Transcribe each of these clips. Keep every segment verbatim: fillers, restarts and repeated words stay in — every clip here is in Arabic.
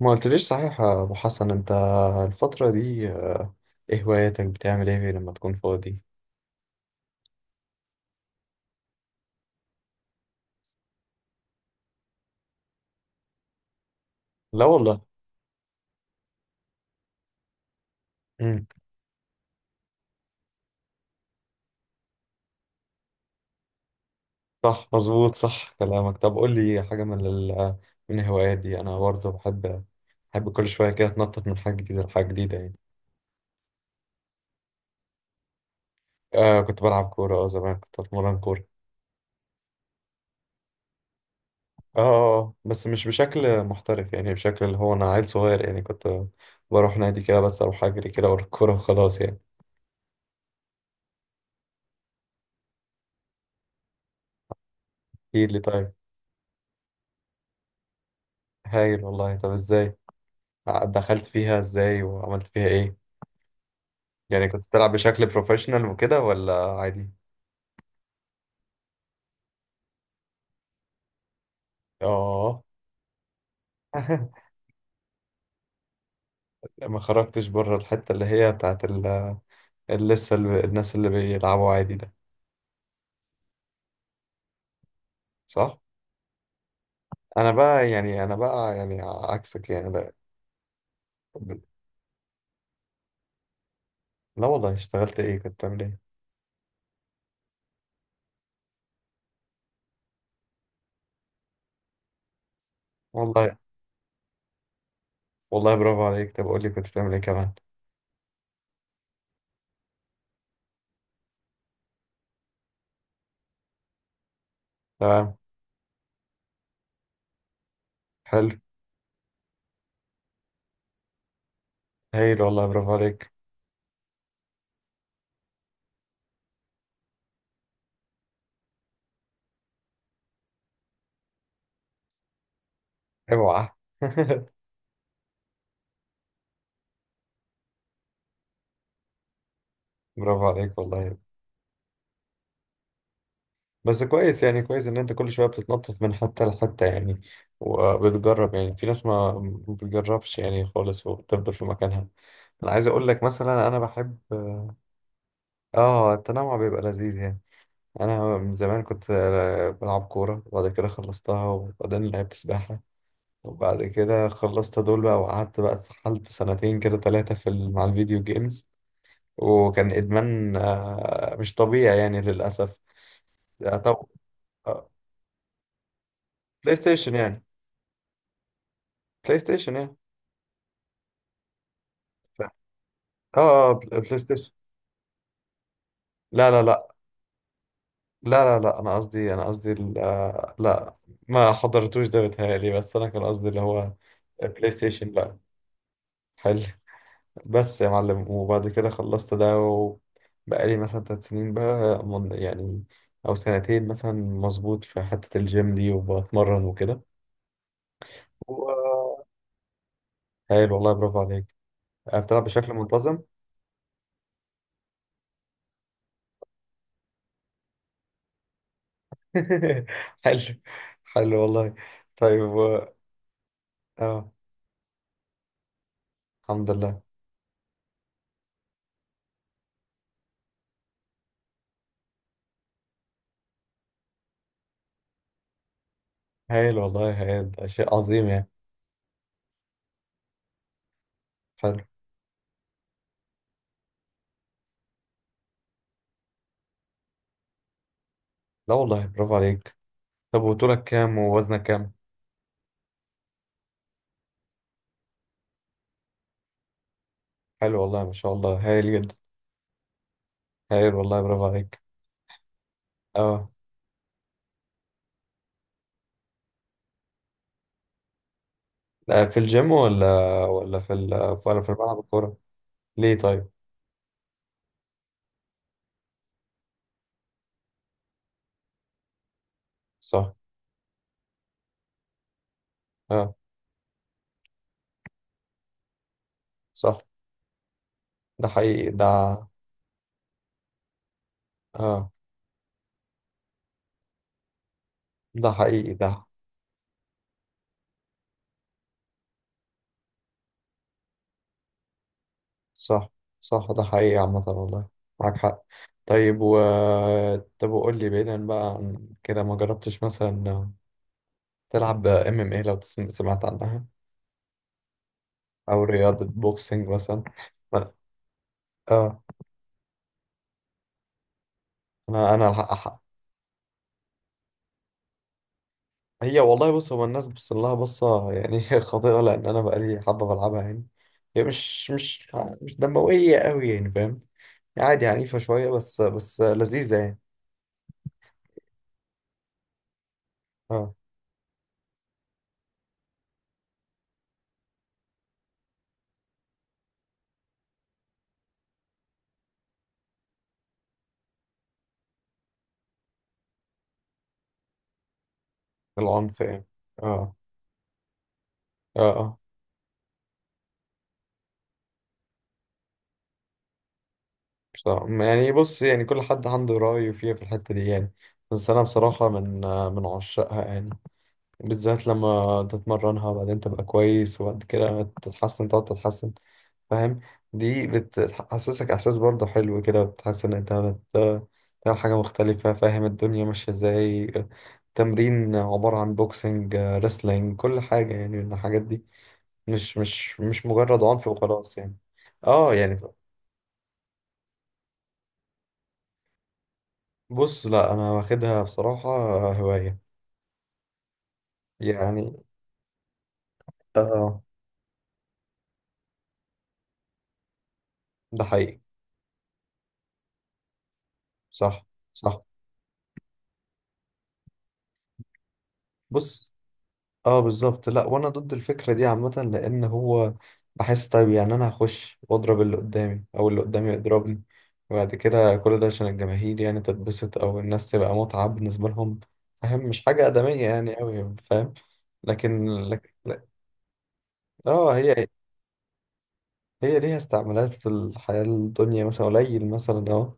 ما قلتليش صحيح يا ابو حسن انت، الفترة دي، آه، ايه هواياتك؟ بتعمل ايه لما تكون فاضي؟ لا والله. امم. صح، مظبوط، صح كلامك. طب قول لي حاجة من ال... من الهوايات دي. انا برضه بحب بحب كل شوية كده اتنطط من حاجة جديدة لحاجة جديدة يعني. آه، كنت بلعب كورة. اه زمان كنت اتمرن كورة. اه. آه، آه، بس مش بشكل محترف، يعني بشكل اللي هو انا عيل صغير يعني. كنت بروح نادي كده، بس اروح اجري كده ورا الكورة وخلاص يعني. ايه اللي؟ طيب. هايل والله. طب ازاي دخلت فيها؟ ازاي وعملت فيها ايه؟ يعني كنت بتلعب بشكل بروفيشنال وكده ولا عادي؟ اه. لا، ما خرجتش بره الحتة اللي هي بتاعت ال اللي لسه ال- الناس اللي بيلعبوا عادي ده. صح. انا بقى يعني انا بقى يعني عكسك يعني، لا. لا والله، اشتغلت ايه؟ كنت بتعمل ايه؟ والله. والله برافو عليك. طب قول لي كنت بتعمل ايه كمان؟ تمام. حلو. هايل والله، برافو عليك. اوعى. برافو عليك والله. بس كويس، يعني كويس ان انت كل شويه بتتنطط من حته لحته يعني. وبتجرب يعني، في ناس ما ما بتجربش يعني خالص، وبتفضل في مكانها. انا عايز اقول لك مثلا، انا بحب. اه، التنوع بيبقى لذيذ يعني. انا من زمان كنت بلعب كوره، وبعد كده خلصتها، وبعدين لعبت سباحه، وبعد كده خلصت دول بقى. وقعدت بقى اتسحلت سنتين كده ثلاثه في ال- مع الفيديو جيمز. وكان ادمان آه، مش طبيعي يعني للاسف. آه، طب. آه، بلاي ستيشن يعني. بلاي ستيشن يعني. ف- اه. آه، بل- بلاي ستيشن. لا، لا، لا. لا، لا، لا، انا قصدي انا قصدي ال- آه، لا. ما حضرتوش ده بيتهيألي. بس انا كان قصدي اللي هو بلاي ستيشن. لا. حلو. بس يا معلم، وبعد كده خلصت ده، وبقالي مثلا تلات سنين بقى من يعني، او سنتين مثلا مظبوط، في حتة الجيم دي وبتمرن وكده. و- حلو والله، برافو عليك. آه، بتلعب بشكل منتظم؟ حلو. حلو والله. طيب و- اه. الحمد لله. هايل والله، هايل، ده شيء عظيم يعني. حلو. لا والله، برافو عليك. طب وطولك كام ووزنك كام؟ حلو والله، ما شاء الله، هايل جدا. هايل والله، برافو عليك. اه، لا في الجيم، ولا ولا في ال... ولا في الملعب الكورة؟ ليه طيب؟ صح. اه، صح، ده حقيقي ده. اه، ده حقيقي ده. صح. صح، ده حقيقي عامة والله. معاك حق. طيب، و طب وقول لي بعيدا بقى عن كده، ما جربتش مثلا تلعب ام ام اي؟ لو تسم- سمعت عنها، او رياضة بوكسنج مثلا؟ ما- اه. انا انا ح- ح- هي والله، بص، هو الناس بص لها بصة يعني خاطئة، لان انا بقالي حبة بلعبها يعني. هي مش مش مش دموية قوي يعني، فاهم؟ عادي، عنيفة شوية، بس بس لذيذة يعني. اه، العنف يعني. اه، اه، اه، مش طبعا. يعني بص، يعني كل حد عنده رأيه فيها في الحتة دي يعني. بس أنا بصراحة من آه، من عشاقها يعني. بالذات لما تتمرنها، وبعدين تبقى كويس، وبعد كده تتحسن، تقعد تتحسن، فاهم؟ دي بتحسسك احساس برضه حلو كده. بتحس ان انت بت- بتعمل حاجه مختلفه، فاهم الدنيا ماشيه ازاي. تمرين عباره عن بوكسنج، ريسلينج، كل حاجه يعني من الحاجات دي. مش مش مش مجرد عنف وخلاص يعني. اه. يعني ف- بص، لا انا واخدها بصراحه هوايه. يعني. اه، ده حقيقي. صح، صح، بص، اه، بالظبط. لا، وانا ضد الفكره دي عامه، لان هو بحس طيب. يعني انا هخش واضرب اللي قدامي، او اللي قدامي يضربني، وبعد كده كل ده عشان الجماهير يعني تتبسط، او الناس تبقى متعه بالنسبه لهم، فاهم؟ مش حاجه ادميه يعني قوي، فاهم؟ لكن لكن لا- اه، هي. هي ليها استعمالات في الحياة الدنيا مثلا قليل، مثلا اهو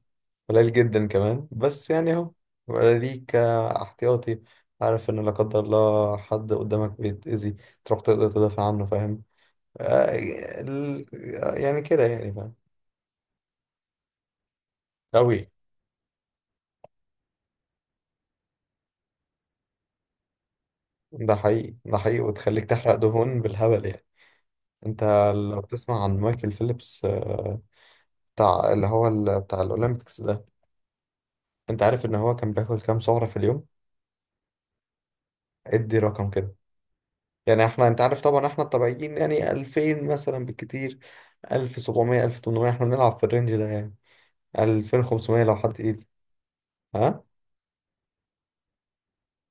قليل جدا كمان، بس يعني اهو، ولا ليك احتياطي، عارف ان لا قدر الله حد قدامك بيتأذي تروح تقدر تدافع عنه، فاهم؟ آه، ال- يعني كده يعني، فاهم. أوي. ده حقيقي، ده حقيقي، وتخليك تحرق دهون بالهبل يعني. انت لو تسمع عن مايكل فيليبس، آه، بتاع اللي هو ال- بتاع الأولمبيكس ده. انت عارف ان هو كان بياكل كام سعرة في اليوم؟ ادي رقم كده. يعني احنا، انت عارف طبعا، احنا الطبيعيين يعني ألفين مثلا بالكتير، سبعتاشر، ألف وتمنمية، احنا بنلعب في الرينج ده يعني. ألفين وخمسمية لو حد ايدي. ها.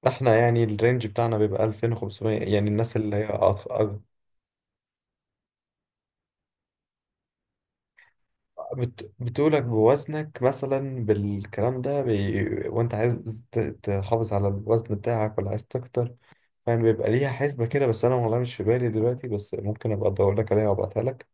احنا يعني الرينج بتاعنا بيبقى ألفين وخمسمية، يعني الناس اللي هي أض- أض- بت- بتقولك بوزنك مثلا، بالكلام ده بي... وانت عايز ت- تحافظ على الوزن بتاعك ولا عايز تكتر. فاهم، بيبقى ليها حسبة كده. بس انا والله مش في بالي دلوقتي، بس ممكن ابقى ادور لك عليها وابعتها لك.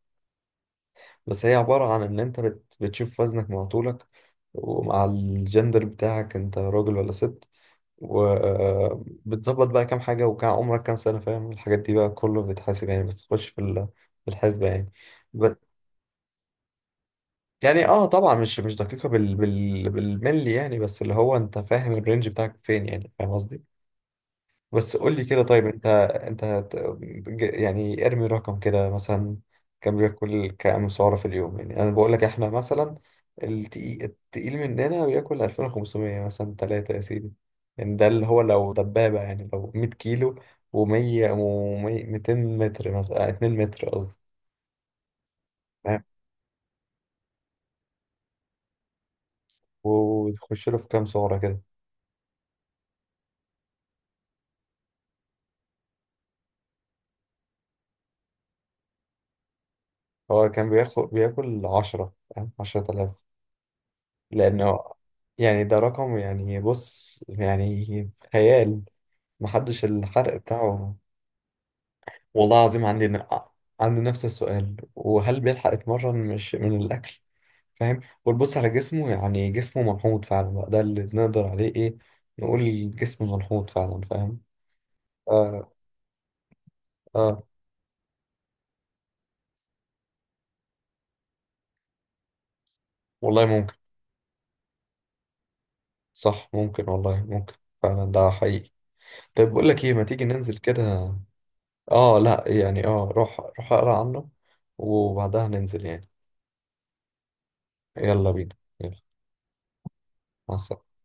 بس هي عبارة عن إن أنت بت... بتشوف وزنك مع طولك. ومع الجندر بتاعك، أنت راجل ولا ست. وبتظبط بقى كام حاجة، وكام، عمرك كام سنة، فاهم؟ الحاجات دي بقى كله بتحاسب يعني، بتخش في ال- في الحسبة يعني. بس يعني، اه طبعا، مش مش دقيقة بال... بال... بالملي يعني. بس اللي هو أنت فاهم الرينج بتاعك فين يعني، فاهم قصدي. بس قول لي كده، طيب انت، انت هت- ج- يعني ارمي رقم كده مثلا. كم بياكل كام سعرة في اليوم؟ يعني انا بقول لك احنا مثلا، التقيل, التقيل مننا بياكل ألفين وخمسمية، مثلا ثلاثة يا سيدي. يعني ده اللي هو لو دبابة، يعني لو ميت كيلو، و100، و200 متر، مثلا اتنين متر قصدي. فاهم؟ وتخش له في كام سعرة كده. هو كان بياخد بياكل عشرة، فاهم؟ عشرة آلاف لأنه. يعني ده رقم، يعني بص يعني خيال، محدش الحرق بتاعه. والله العظيم عندي ن- عندي نفس السؤال، وهل بيلحق يتمرن مش من الأكل؟ فاهم، وتبص على جسمه يعني، جسمه ملحوظ فعلا بقى، ده اللي نقدر عليه إيه نقول، جسم ملحوظ فعلا، فاهم. آه. آه. والله ممكن. صح، ممكن والله، ممكن. فعلا، ده حقيقي. طيب بقول لك إيه، ما تيجي ننزل كده؟ آه، لا يعني، آه روح روح أقرأ عنه. وبعدها ننزل يعني. يلا بينا. يلا. مع السلامة.